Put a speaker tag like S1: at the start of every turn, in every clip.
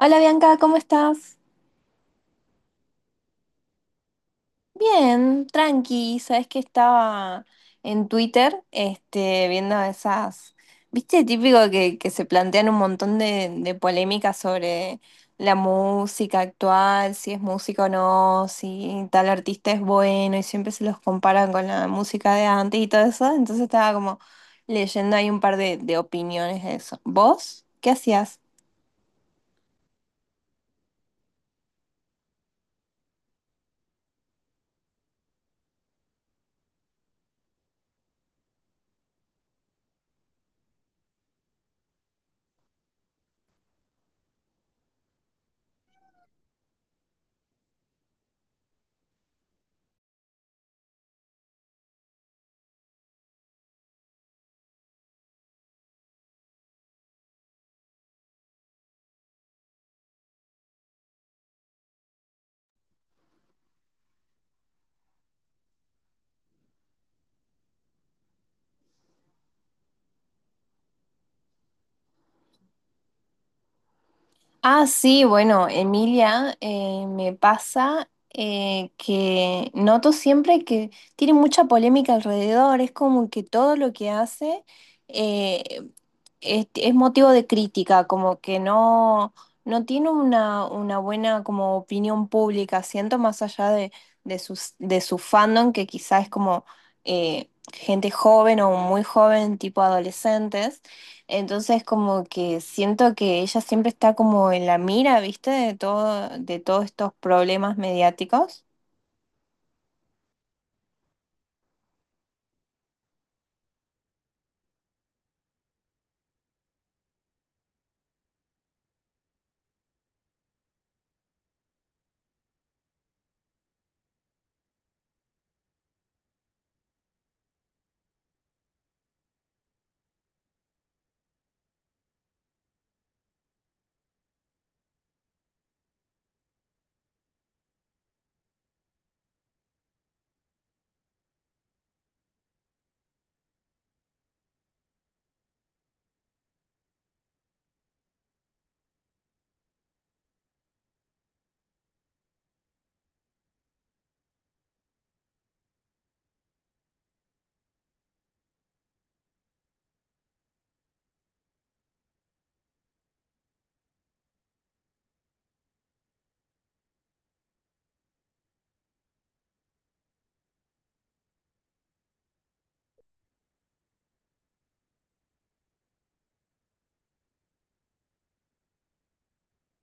S1: Hola Bianca, ¿cómo estás? Bien, tranqui, sabes que estaba en Twitter, este, viendo esas, viste, típico que se plantean un montón de polémicas sobre la música actual, si es música o no, si tal artista es bueno, y siempre se los comparan con la música de antes y todo eso, entonces estaba como leyendo ahí un par de opiniones de eso. ¿Vos? ¿Qué hacías? Ah, sí, bueno, Emilia, me pasa que noto siempre que tiene mucha polémica alrededor, es como que todo lo que hace eh, es motivo de crítica, como que no, no tiene una buena como opinión pública, siento más allá de, sus, de su fandom, que quizás es como gente joven o muy joven, tipo adolescentes, entonces como que siento que ella siempre está como en la mira, ¿viste? De todo, de todos estos problemas mediáticos.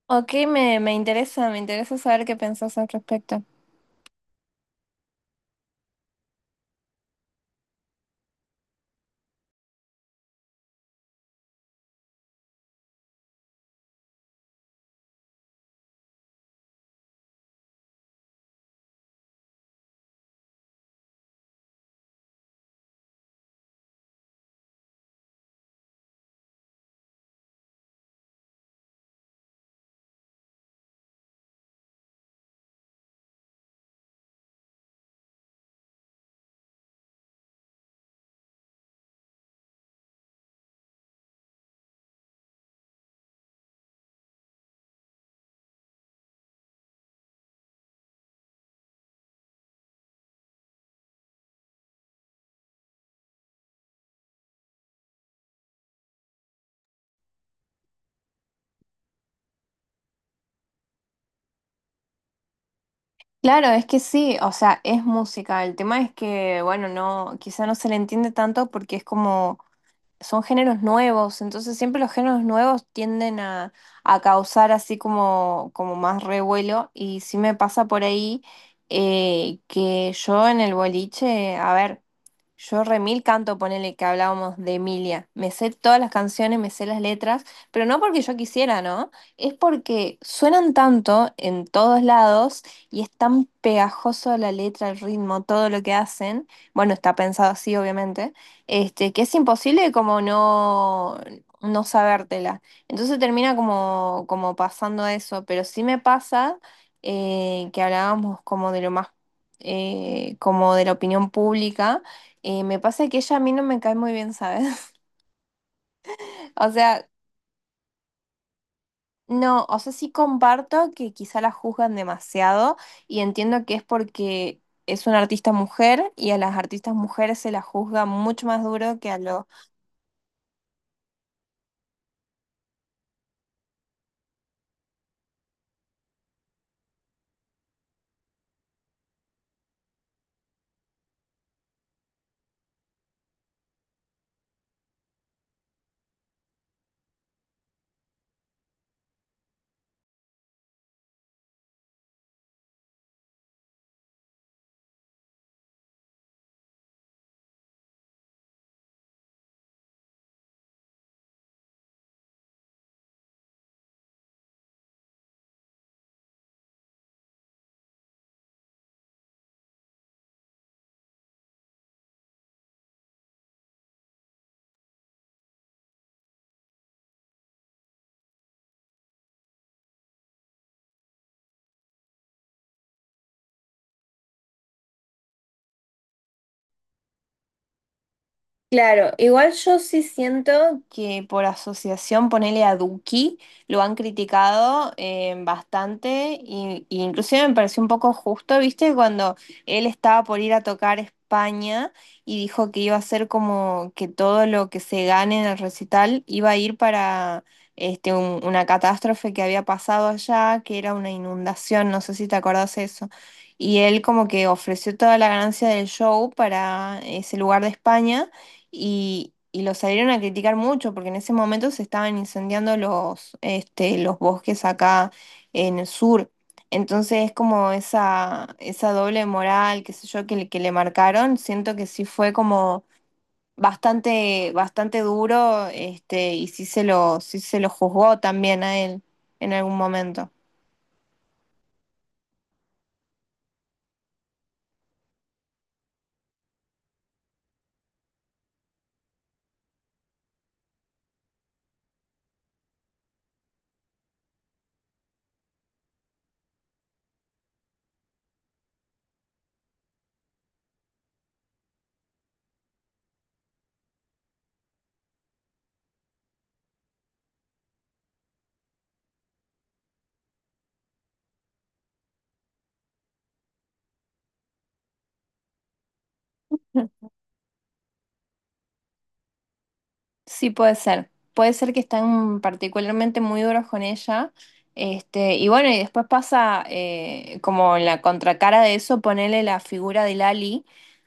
S1: Ok, me interesa, me interesa saber qué pensás al respecto. Claro, es que sí, o sea, es música. El tema es que, bueno, no, quizá no se le entiende tanto porque es como, son géneros nuevos, entonces siempre los géneros nuevos tienden a causar así como, como más revuelo y sí me pasa por ahí que yo en el boliche, a ver. Yo remil canto, ponele que hablábamos de Emilia. Me sé todas las canciones, me sé las letras, pero no porque yo quisiera, ¿no? Es porque suenan tanto en todos lados y es tan pegajoso la letra, el ritmo, todo lo que hacen. Bueno, está pensado así, obviamente, este, que es imposible como no, no sabértela. Entonces termina como, como pasando eso, pero sí me pasa que hablábamos como de lo más, como de la opinión pública. Me pasa que ella a mí no me cae muy bien, ¿sabes? O sea, no, o sea, sí comparto que quizá la juzgan demasiado y entiendo que es porque es una artista mujer y a las artistas mujeres se la juzga mucho más duro que a los. Claro, igual yo sí siento que por asociación, ponele a Duki, lo han criticado bastante y inclusive me pareció un poco justo, ¿viste? Cuando él estaba por ir a tocar España y dijo que iba a ser como que todo lo que se gane en el recital iba a ir para este, un- una catástrofe que había pasado allá, que era una inundación, no sé si te acordás eso. Y él como que ofreció toda la ganancia del show para ese lugar de España y lo salieron a criticar mucho porque en ese momento se estaban incendiando los, este, los bosques acá en el sur. Entonces es como esa doble moral, qué sé yo, que le marcaron. Siento que sí fue como bastante, bastante duro, este, y sí se lo juzgó también a él en algún momento. Sí, puede ser. Puede ser que están particularmente muy duros con ella. Este, y bueno, y después pasa como en la contracara de eso, ponerle la figura de Lali.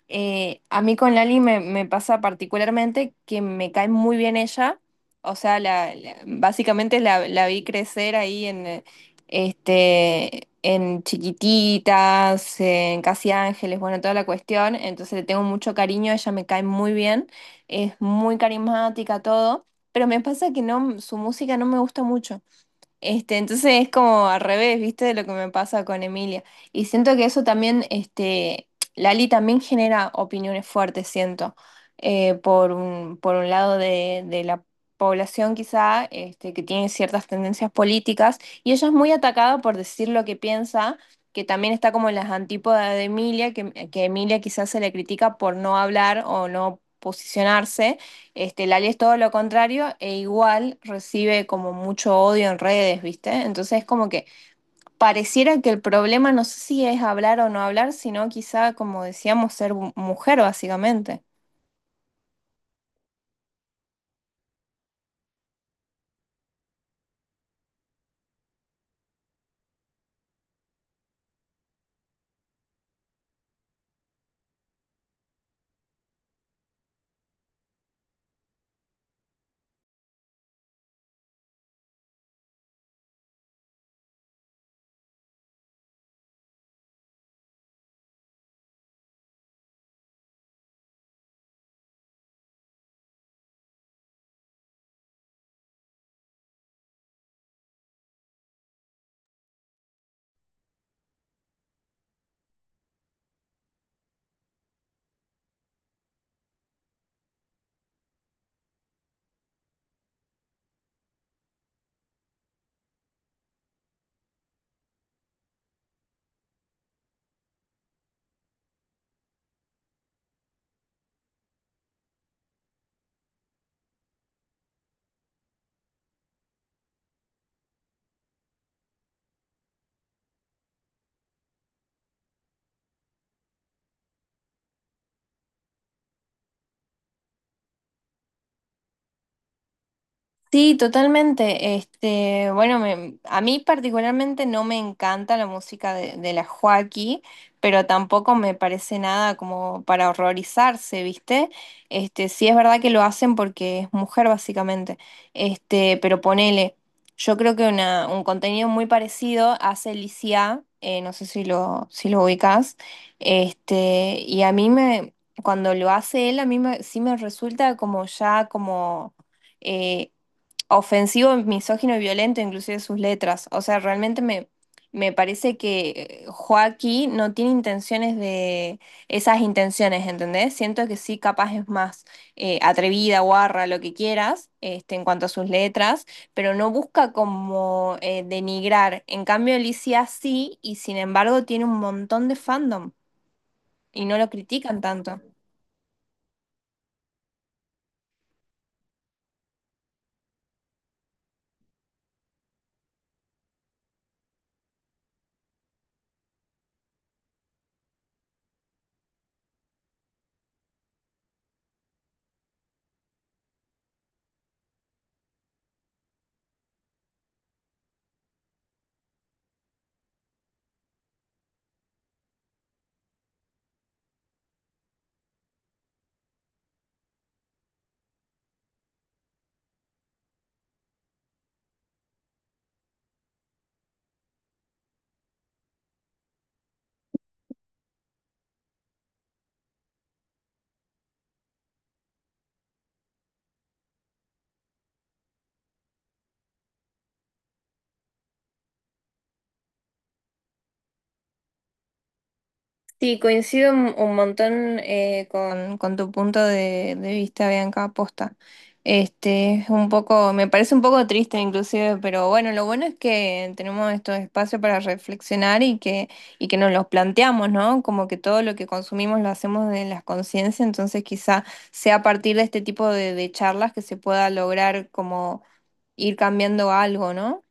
S1: A mí con Lali me pasa particularmente que me cae muy bien ella. O sea, la- básicamente la, la vi crecer ahí en, este, en Chiquititas, en Casi Ángeles, bueno, toda la cuestión. Entonces le tengo mucho cariño, ella me cae muy bien, es muy carismática, todo, pero me pasa que no, su música no me gusta mucho. Este, entonces es como al revés, ¿viste? De lo que me pasa con Emilia. Y siento que eso también, este, Lali también genera opiniones fuertes, siento, por un lado de la población quizá, este, que tiene ciertas tendencias políticas, y ella es muy atacada por decir lo que piensa, que también está como en las antípodas de Emilia, que Emilia quizás se le critica por no hablar o no posicionarse. Este, Lali es todo lo contrario e igual recibe como mucho odio en redes, ¿viste? Entonces como que pareciera que el problema no sé si es hablar o no hablar, sino quizá, como decíamos, ser mu- mujer básicamente. Sí, totalmente. Este, bueno, me- a mí particularmente no me encanta la música de la Joaquí, pero tampoco me parece nada como para horrorizarse, ¿viste? Este, sí es verdad que lo hacen porque es mujer básicamente. Este, pero ponele, yo creo que una, un contenido muy parecido hace Licia, no sé si lo, si lo ubicás. Este, y a mí me, cuando lo hace él, a mí me- sí me resulta como ya como eh, ofensivo, misógino y violento, inclusive sus letras. O sea, realmente me, me parece que Joaquín no tiene intenciones de esas intenciones, ¿entendés? Siento que sí, capaz es más atrevida, guarra, lo que quieras, este, en cuanto a sus letras, pero no busca como denigrar. En cambio, Alicia sí, y sin embargo tiene un montón de fandom y no lo critican tanto. Sí, coincido un montón con tu punto de vista, Bianca, aposta. Este, es un poco, me parece un poco triste inclusive, pero bueno, lo bueno es que tenemos estos espacios para reflexionar y que nos los planteamos, ¿no? Como que todo lo que consumimos lo hacemos de las conciencias, entonces quizá sea a partir de este tipo de charlas que se pueda lograr como ir cambiando algo, ¿no?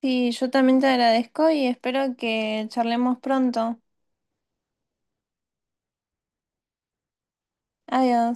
S1: Sí, yo también te agradezco y espero que charlemos pronto. Adiós.